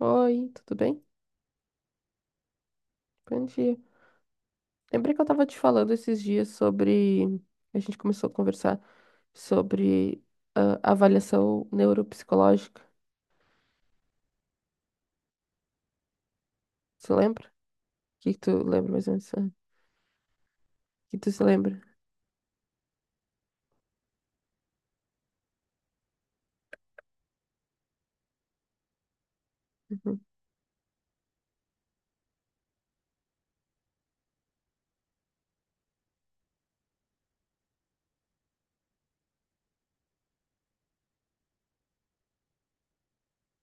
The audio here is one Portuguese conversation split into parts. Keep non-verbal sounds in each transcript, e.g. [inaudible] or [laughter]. Oi, tudo bem? Bom dia. Lembrei que eu tava te falando esses dias sobre. A gente começou a conversar sobre avaliação neuropsicológica. Você lembra? O que que tu lembra mais ou menos? O que tu se lembra? Uhum.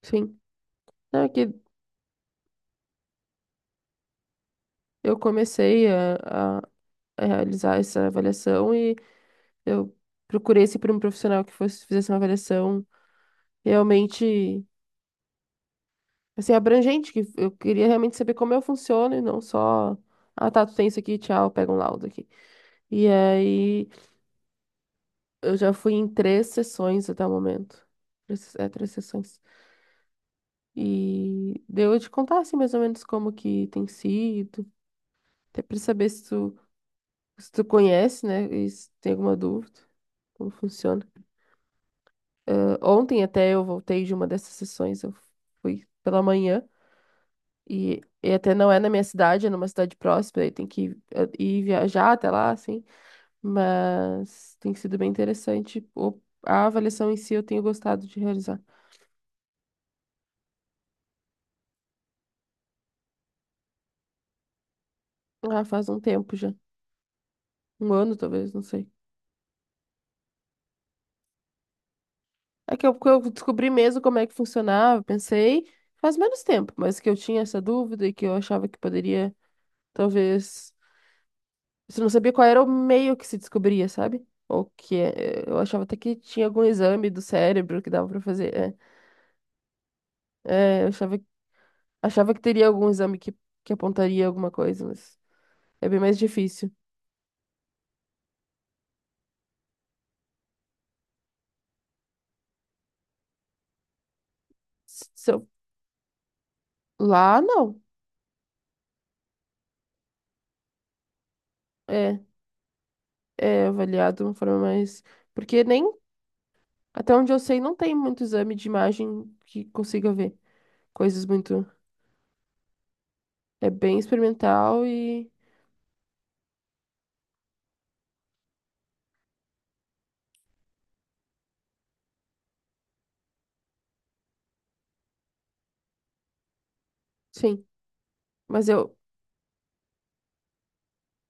Sim. Não, é que eu comecei a realizar essa avaliação e eu procurei sempre um profissional que fosse, fizesse uma avaliação realmente, assim, abrangente, que eu queria realmente saber como eu funciono e não só, ah, tá, tu tem isso aqui, tchau, pega um laudo aqui. E aí eu já fui em três sessões até o momento. É, três sessões. E deu de contar assim mais ou menos como que tem sido, até pra saber se tu, se tu conhece, né? E se tem alguma dúvida, como funciona. Ontem até eu voltei de uma dessas sessões, eu fui pela manhã. E até não é na minha cidade, é numa cidade próxima, aí tem que ir viajar até lá, assim. Mas tem sido bem interessante. A avaliação em si eu tenho gostado de realizar. Ah, faz um tempo já. Um ano, talvez, não sei. É que eu descobri mesmo como é que funcionava, pensei, faz menos tempo, mas que eu tinha essa dúvida e que eu achava que poderia, talvez. Você não sabia qual era o meio que se descobria, sabe? Ou que é, eu achava até que tinha algum exame do cérebro que dava pra fazer. É, é, eu achava, que teria algum exame que apontaria alguma coisa, mas é bem mais difícil. Se, eu- Lá, não. É, é avaliado de uma forma mais. Porque nem. Até onde eu sei, não tem muito exame de imagem que consiga ver coisas muito. É bem experimental e. Sim. Mas eu,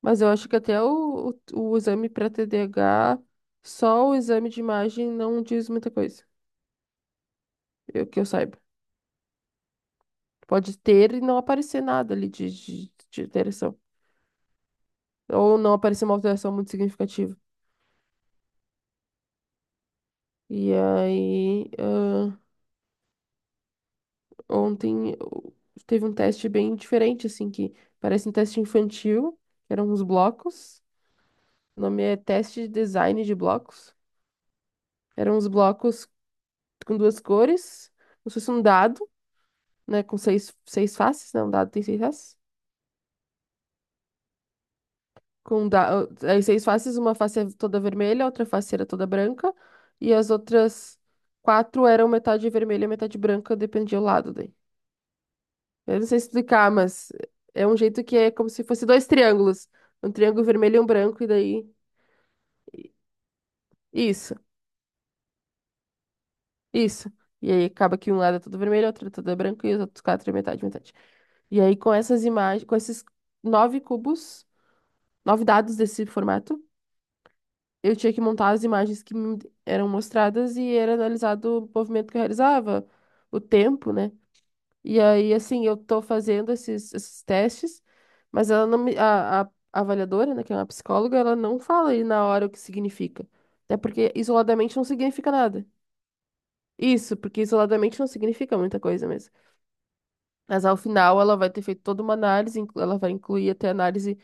mas eu acho que até o exame para TDAH, só o exame de imagem não diz muita coisa, eu, que eu saiba. Pode ter e não aparecer nada ali de alteração. Ou não aparecer uma alteração muito significativa. E aí, ah, ontem eu- teve um teste bem diferente, assim, que parece um teste infantil, que eram uns blocos. O nome é Teste de Design de Blocos. Eram uns blocos com duas cores, como se fosse um dado, né? Com seis, seis faces, não, um dado tem seis faces. Com um da... ah, aí seis faces, uma face é toda vermelha, outra face era toda branca, e as outras quatro eram metade vermelha e metade branca, dependia do lado daí. Eu não sei explicar, mas é um jeito que é como se fosse dois triângulos. Um triângulo vermelho e um branco, e daí. Isso. Isso. E aí acaba que um lado é todo vermelho, outro é todo é branco e os outros quatro é metade, metade. E aí com essas imagens, com esses nove cubos, nove dados desse formato, eu tinha que montar as imagens que me eram mostradas e era analisado o movimento que eu realizava, o tempo, né? E aí, assim, eu tô fazendo esses, esses testes, mas ela não me, a avaliadora, né, que é uma psicóloga, ela não fala aí na hora o que significa. Até porque isoladamente não significa nada. Isso, porque isoladamente não significa muita coisa mesmo. Mas ao final ela vai ter feito toda uma análise, ela vai incluir até análise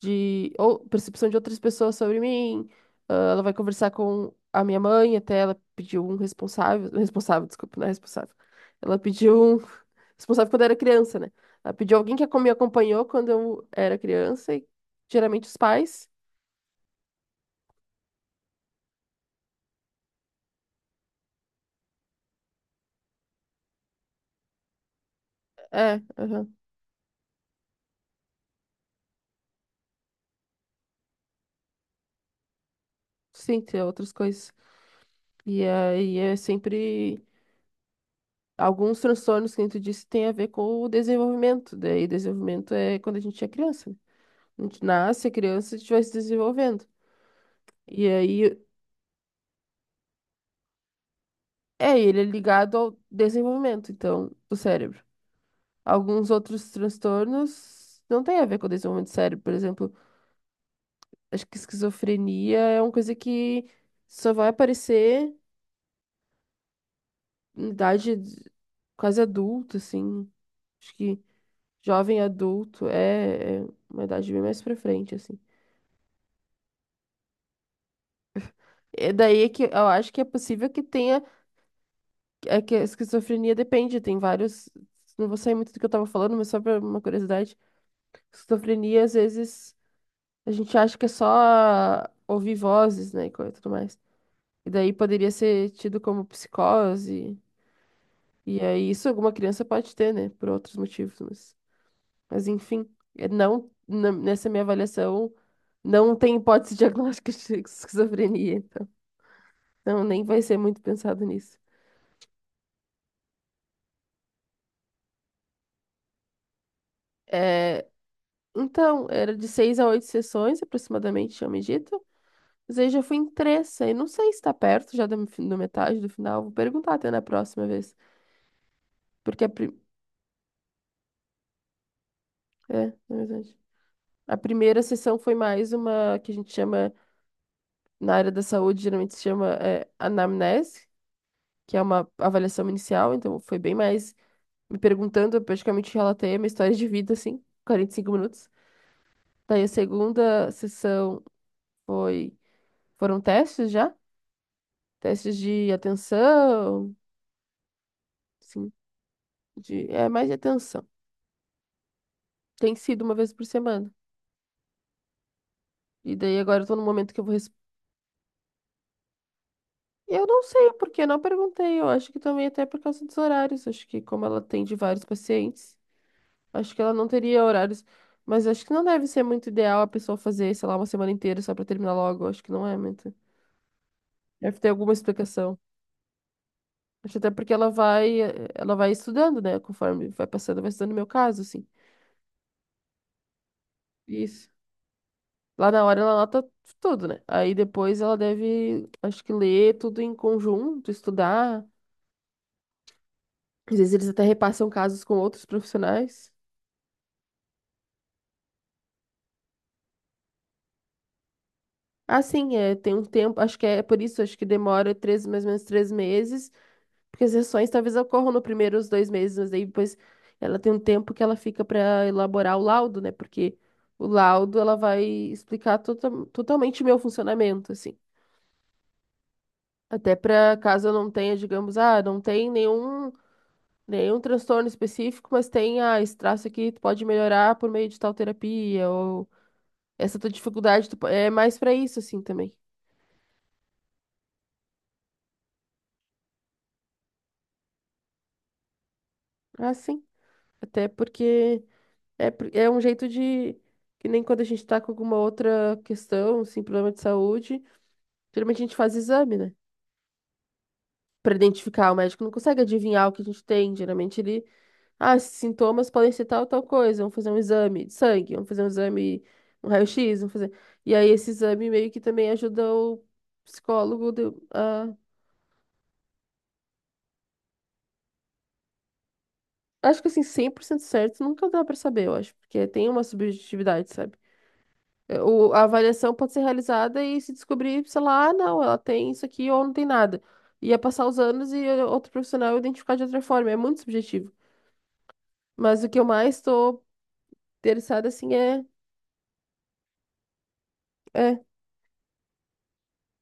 de ou percepção de outras pessoas sobre mim. Ah, ela vai conversar com a minha mãe, até ela pediu um responsável, responsável, desculpa, não é responsável. Ela pediu um [laughs] responsável quando eu era criança, né? Ela pediu alguém que me acompanhou quando eu era criança, e geralmente os pais. É, aham. Sim, tem outras coisas. E aí é sempre. Alguns transtornos que a gente disse tem a ver com o desenvolvimento. Daí, desenvolvimento é quando a gente é criança, né? A gente nasce, é criança, a gente vai se desenvolvendo. E aí, é, ele é ligado ao desenvolvimento, então, do cérebro. Alguns outros transtornos não têm a ver com o desenvolvimento do cérebro. Por exemplo, acho que esquizofrenia é uma coisa que só vai aparecer em idade quase adulta, assim. Acho que jovem adulto é uma idade bem mais pra frente, assim. É daí é que eu acho que é possível que tenha. É que a esquizofrenia depende, tem vários. Não vou sair muito do que eu tava falando, mas só pra uma curiosidade. Esquizofrenia, às vezes, a gente acha que é só ouvir vozes, né, e coisa e tudo mais. E daí poderia ser tido como psicose. E aí, isso alguma criança pode ter, né, por outros motivos. Mas enfim, é não, nessa minha avaliação, não tem hipótese [laughs] diagnóstica de esquizofrenia, então. Então, nem vai ser muito pensado nisso. É, então, era de seis a oito sessões, aproximadamente, tinha me dito. Mas aí já fui em três, aí não sei se tá perto já da metade do final. Vou perguntar até na próxima vez. Porque é, na verdade. A primeira sessão foi mais uma que a gente chama, na área da saúde, geralmente se chama anamnese, que é uma avaliação inicial. Então, foi bem mais me perguntando, eu praticamente relatei a minha história de vida, assim, 45 minutos. Daí a segunda sessão foi, foram testes já, testes de atenção. Sim, de, é mais de atenção. Tem sido uma vez por semana. E daí agora eu tô no momento que eu vou. Eu não sei porque eu não perguntei. Eu acho que também até por causa dos horários. Acho que como ela atende vários pacientes, acho que ela não teria horários. Mas acho que não deve ser muito ideal a pessoa fazer, sei lá, uma semana inteira só pra terminar logo. Acho que não é muito. Deve ter alguma explicação. Acho até porque ela vai, ela vai estudando, né? Conforme vai passando, vai estudando o meu caso, assim. Isso. Lá na hora ela anota tudo, né? Aí depois ela deve, acho que ler tudo em conjunto, estudar. Às vezes eles até repassam casos com outros profissionais. Ah, sim, é, tem um tempo, acho que é por isso, acho que demora três, mais ou menos 3 meses, porque as sessões talvez ocorram no primeiro os 2 meses, mas aí depois ela tem um tempo que ela fica para elaborar o laudo, né? Porque o laudo ela vai explicar totalmente o meu funcionamento, assim. Até para caso eu não tenha, digamos, ah, não tem nenhum. Nenhum transtorno específico, mas tem ah, esse traço aqui, tu pode melhorar por meio de tal terapia, ou essa tua dificuldade tu é mais pra isso, assim, também. Ah, sim. Até porque é, é um jeito de. Que nem quando a gente tá com alguma outra questão, assim, problema de saúde, geralmente a gente faz exame, né? Pra identificar, o médico não consegue adivinhar o que a gente tem, geralmente ele. Ah, esses sintomas podem ser tal, tal coisa. Vamos fazer um exame de sangue, vamos fazer um exame, um raio-x, vamos fazer. E aí esse exame meio que também ajuda o psicólogo a. Acho que assim, 100% certo nunca dá pra saber, eu acho, porque tem uma subjetividade, sabe? É, a avaliação pode ser realizada e se descobrir, sei lá, ah, não, ela tem isso aqui ou não tem nada. Ia passar os anos e outro profissional identificar de outra forma. É muito subjetivo. Mas o que eu mais tô interessada, assim, é. É,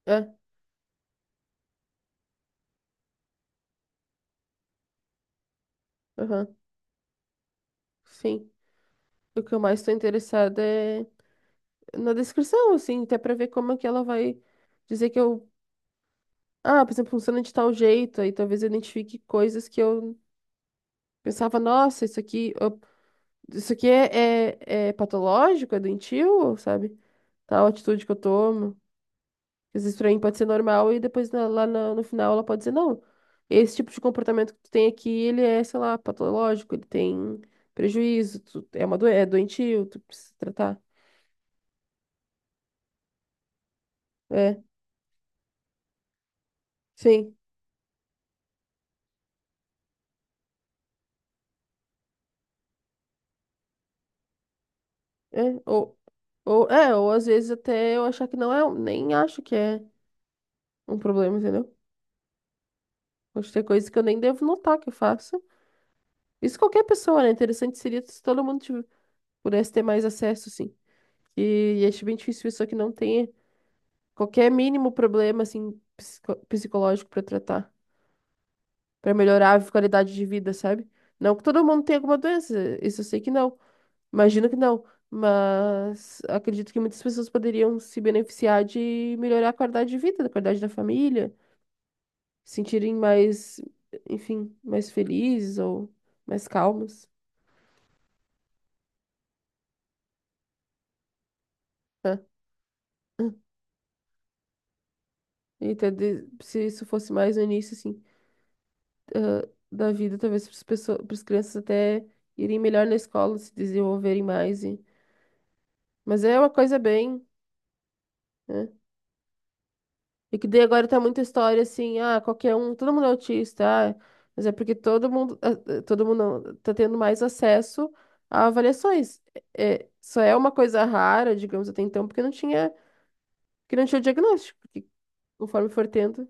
é, aham, sim. O que eu mais estou interessada é na descrição, assim, até pra ver como é que ela vai dizer que eu. Ah, por exemplo, funciona de tal jeito, aí talvez eu identifique coisas que eu pensava, nossa, isso aqui, isso aqui é, é, é patológico, é doentio, sabe? Tal atitude que eu tomo. Às vezes pra mim pode ser normal e depois, lá, no final ela pode dizer, não, esse tipo de comportamento que tu tem aqui, ele é, sei lá, patológico, ele tem prejuízo, tu, é uma é doentio, tu precisa tratar. É, sim. É, ou, é, ou às vezes até eu achar que não é, nem acho que é um problema, entendeu? Pode ter coisas que eu nem devo notar que eu faço. Isso qualquer pessoa, né? Interessante seria se todo mundo pudesse ter mais acesso, assim. E acho bem difícil pessoa que não tenha qualquer mínimo problema, assim, psicológico pra tratar, pra melhorar a qualidade de vida, sabe? Não que todo mundo tenha alguma doença, isso eu sei que não. Imagino que não, mas acredito que muitas pessoas poderiam se beneficiar de melhorar a qualidade de vida, a qualidade da família, se sentirem mais, enfim, mais felizes ou mais calmas, né? E ter se isso fosse mais no início, assim, ah, da vida, talvez para as pessoas, para as crianças até irem melhor na escola, se desenvolverem mais. E... Mas é uma coisa bem, né? E que daí agora tá muita história assim, ah, qualquer um, todo mundo é autista, ah, mas é porque todo mundo, ah, ah, todo mundo não, tá tendo mais acesso a avaliações. É, é, só é uma coisa rara, digamos, até então, porque não tinha o diagnóstico, porque conforme for tendo,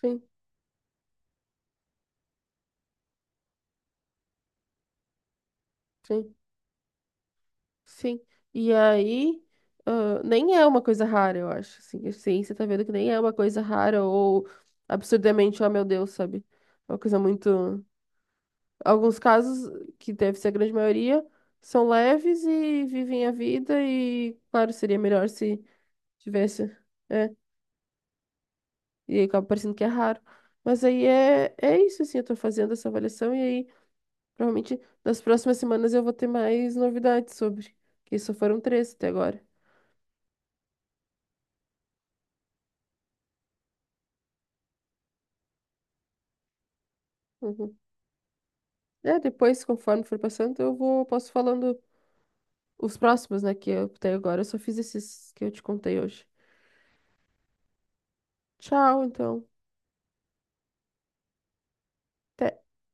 sim, sim, sim. E aí, ah, nem é uma coisa rara, eu acho, assim, a ciência tá vendo que nem é uma coisa rara ou absurdamente, oh meu Deus, sabe? É uma coisa muito. Alguns casos, que deve ser a grande maioria, são leves e vivem a vida e, claro, seria melhor se tivesse, é, e acaba parecendo que é raro. Mas aí é, é isso, assim, eu tô fazendo essa avaliação e aí, provavelmente, nas próximas semanas eu vou ter mais novidades sobre, que só foram três até agora. Uhum. É, depois, conforme for passando, eu vou, posso falando os próximos, né, que eu até agora eu só fiz esses que eu te contei hoje. Tchau, então. Até